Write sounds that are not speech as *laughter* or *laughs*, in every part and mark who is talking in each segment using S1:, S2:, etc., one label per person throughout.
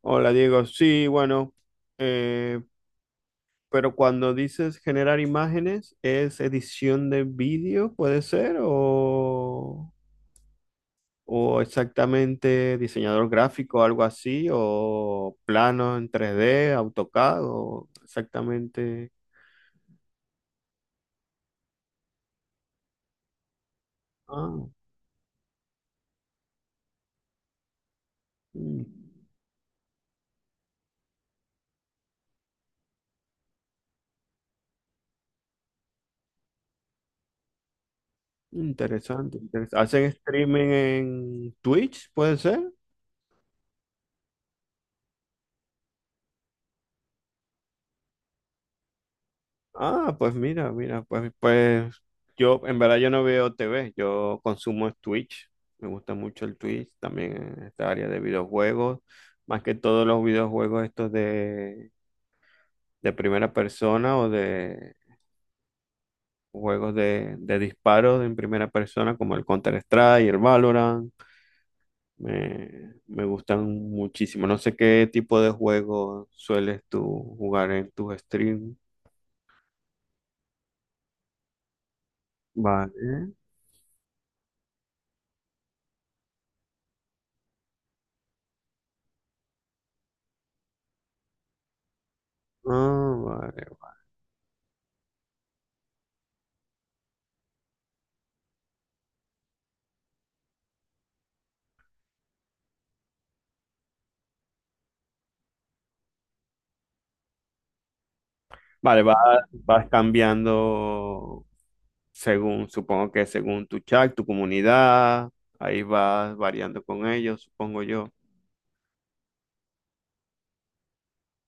S1: Hola Diego, sí, bueno, eh, pero cuando dices generar imágenes, ¿es edición de vídeo, puede ser? O exactamente diseñador gráfico, algo así? ¿O plano en 3D AutoCAD? ¿O exactamente? Ah, mm, interesante. ¿Hacen streaming en Twitch, puede ser? Ah, pues mira, pues, yo en verdad yo no veo TV, yo consumo es Twitch. Me gusta mucho el Twitch, también en esta área de videojuegos, más que todos los videojuegos estos de primera persona o de juegos de disparos en primera persona como el Counter-Strike, el Valorant, me gustan muchísimo. No sé qué tipo de juegos sueles tú jugar en tus streams. Vale. Ah, vale. Vale, vas, vas cambiando según, supongo que según tu chat, tu comunidad, ahí vas variando con ellos, supongo yo.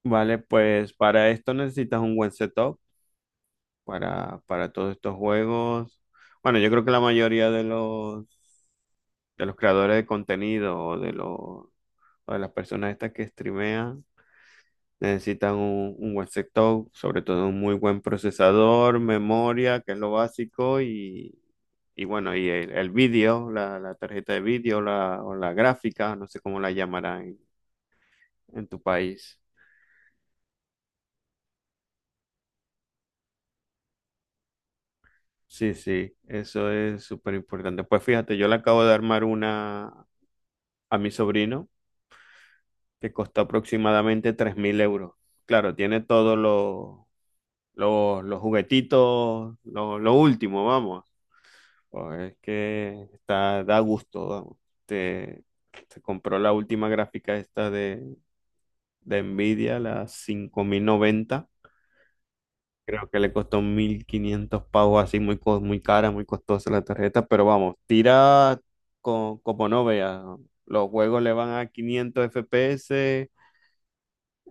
S1: Vale, pues para esto necesitas un buen setup para todos estos juegos. Bueno, yo creo que la mayoría de los creadores de contenido o de las personas estas que streamean necesitan un buen sector, sobre todo un muy buen procesador, memoria, que es lo básico, y bueno, y el vídeo, la tarjeta de vídeo la, o la gráfica, no sé cómo la llamarán en tu país. Sí, sí, eso es súper importante. Pues fíjate, yo le acabo de armar una a mi sobrino que costó aproximadamente 3.000 euros. Claro, tiene todos los juguetitos, lo último, vamos. Pues es que está, da gusto, vamos. Te, te compró la última gráfica esta de Nvidia, la 5090. Creo que le costó 1500 pavos, así muy, muy cara, muy costosa la tarjeta, pero vamos, tira como no veas. Los juegos le van a 500 FPS.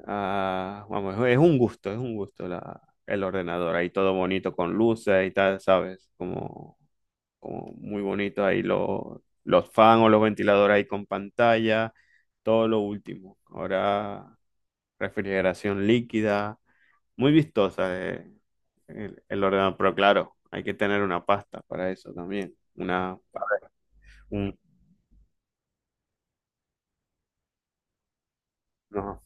S1: Vamos, es un gusto la, el ordenador, ahí todo bonito con luces y tal, ¿sabes? Como muy bonito ahí los fans o los ventiladores ahí con pantalla, todo lo último. Ahora refrigeración líquida, muy vistosa el ordenador, pero claro, hay que tener una pasta para eso también, una un- no.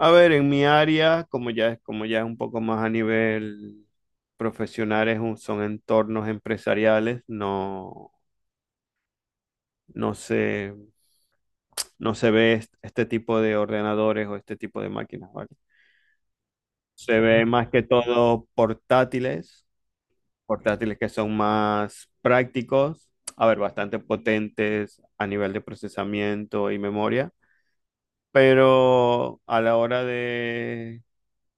S1: A ver, en mi área, como ya es un poco más a nivel profesional, son entornos empresariales, no se, no se ve este tipo de ordenadores o este tipo de máquinas, ¿vale? Se ve más que todo portátiles, portátiles que son más prácticos. A ver, bastante potentes a nivel de procesamiento y memoria, pero a la hora de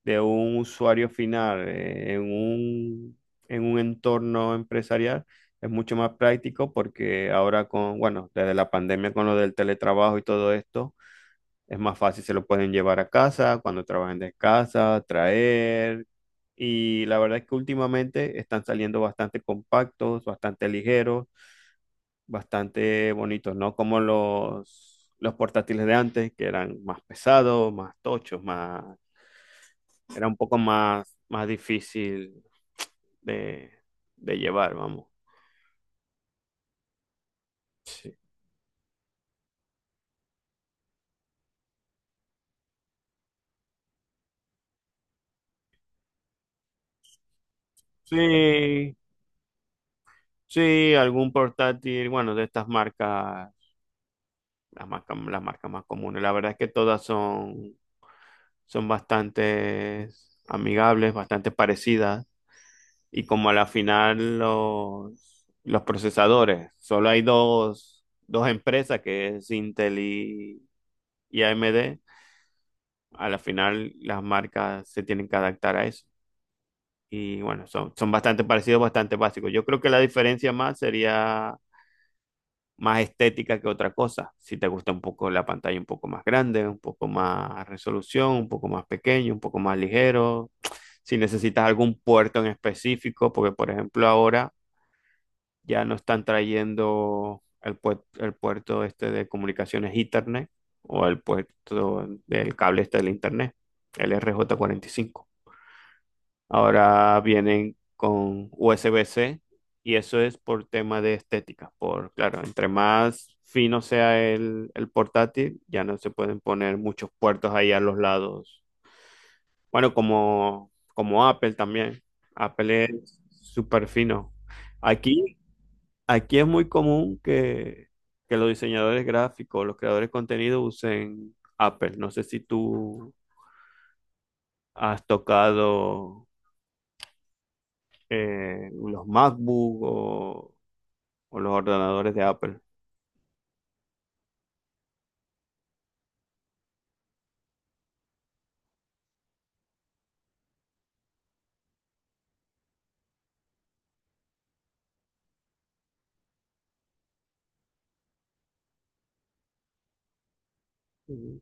S1: un usuario final en un entorno empresarial es mucho más práctico porque ahora con, bueno, desde la pandemia con lo del teletrabajo y todo esto, es más fácil, se lo pueden llevar a casa, cuando trabajen de casa, traer. Y la verdad es que últimamente están saliendo bastante compactos, bastante ligeros, bastante bonitos, no como los portátiles de antes, que eran más pesados, más tochos, más, era un poco más, más difícil de, de llevar, vamos. Sí. Sí, sí, algún portátil, bueno, de estas marcas, las marcas más comunes. La verdad es que todas son, son bastante amigables, bastante parecidas. Y como a la final los procesadores, solo hay dos empresas que es Intel y AMD, a la final las marcas se tienen que adaptar a eso. Y bueno, son, son bastante parecidos, bastante básicos. Yo creo que la diferencia más sería más estética que otra cosa. Si te gusta un poco la pantalla un poco más grande, un poco más resolución, un poco más pequeño, un poco más ligero. Si necesitas algún puerto en específico, porque por ejemplo ahora ya no están trayendo el, el puerto este de comunicaciones Ethernet o el puerto del cable este del Internet, el RJ45. Ahora vienen con USB-C y eso es por tema de estética, por claro, entre más fino sea el portátil, ya no se pueden poner muchos puertos ahí a los lados. Bueno, como, como Apple también. Apple es súper fino. Aquí Aquí es muy común que los diseñadores gráficos, los creadores de contenido usen Apple. No sé si tú has tocado los MacBook o los ordenadores de Apple. Ujú.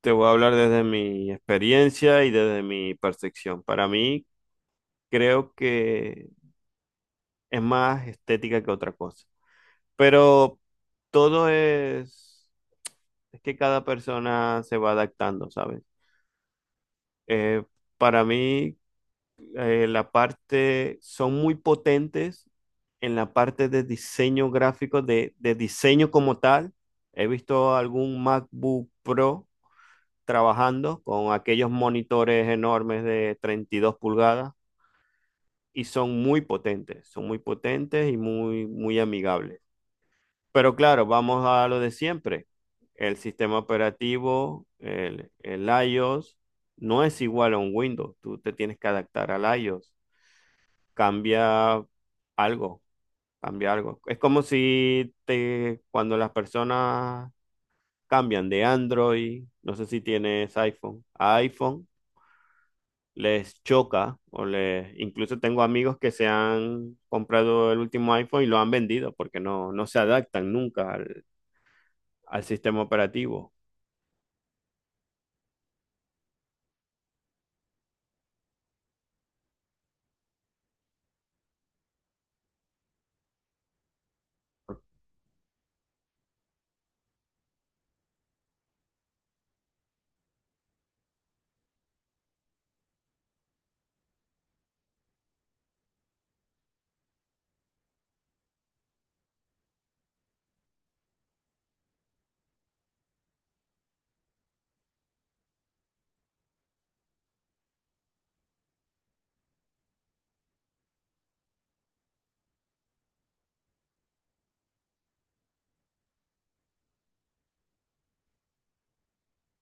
S1: Te voy a hablar desde mi experiencia y desde mi percepción. Para mí, creo que es más estética que otra cosa. Pero todo es que cada persona se va adaptando, ¿sabes? Eh, para mí la parte, son muy potentes en la parte de diseño gráfico, de diseño como tal. He visto algún MacBook Pro trabajando con aquellos monitores enormes de 32 pulgadas y son muy potentes y muy, muy amigables. Pero claro, vamos a lo de siempre. El sistema operativo, el iOS, no es igual a un Windows. Tú te tienes que adaptar al iOS. cambia algo, cambia algo. Es como si te, cuando las personas cambian de Android, no sé si tienes iPhone, a iPhone les choca o les, incluso tengo amigos que se han comprado el último iPhone y lo han vendido porque no, no se adaptan nunca al, al sistema operativo.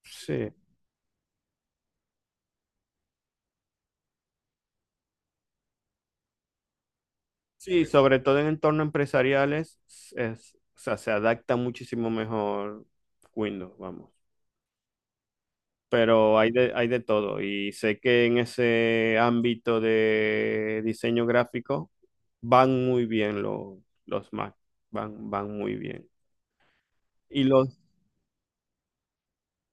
S1: Sí. Sí, sobre todo en entornos empresariales, es, o sea, se adapta muchísimo mejor Windows, vamos. Pero hay de todo. Y sé que en ese ámbito de diseño gráfico van muy bien los Mac, van, van muy bien. Y los,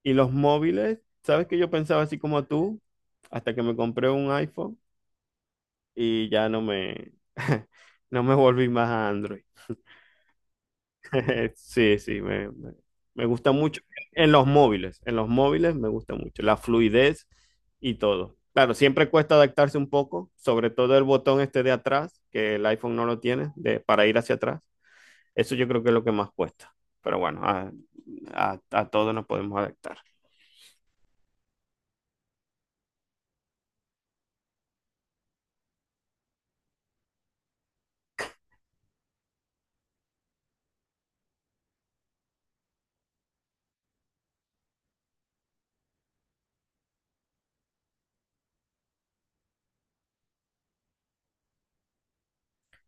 S1: y los móviles, ¿sabes que yo pensaba así como tú? Hasta que me compré un iPhone y ya no me, *laughs* no me volví más a Android. *laughs* Sí, sí, me gusta mucho. En los móviles me gusta mucho la fluidez y todo. Claro, siempre cuesta adaptarse un poco, sobre todo el botón este de atrás, que el iPhone no lo tiene, de, para ir hacia atrás. Eso yo creo que es lo que más cuesta. Pero bueno, a todos nos podemos adaptar.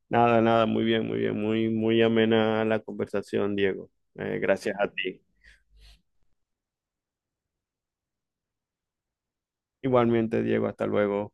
S1: Nada, nada, muy bien, muy bien, muy, muy amena la conversación, Diego. Gracias a ti. Igualmente, Diego, hasta luego.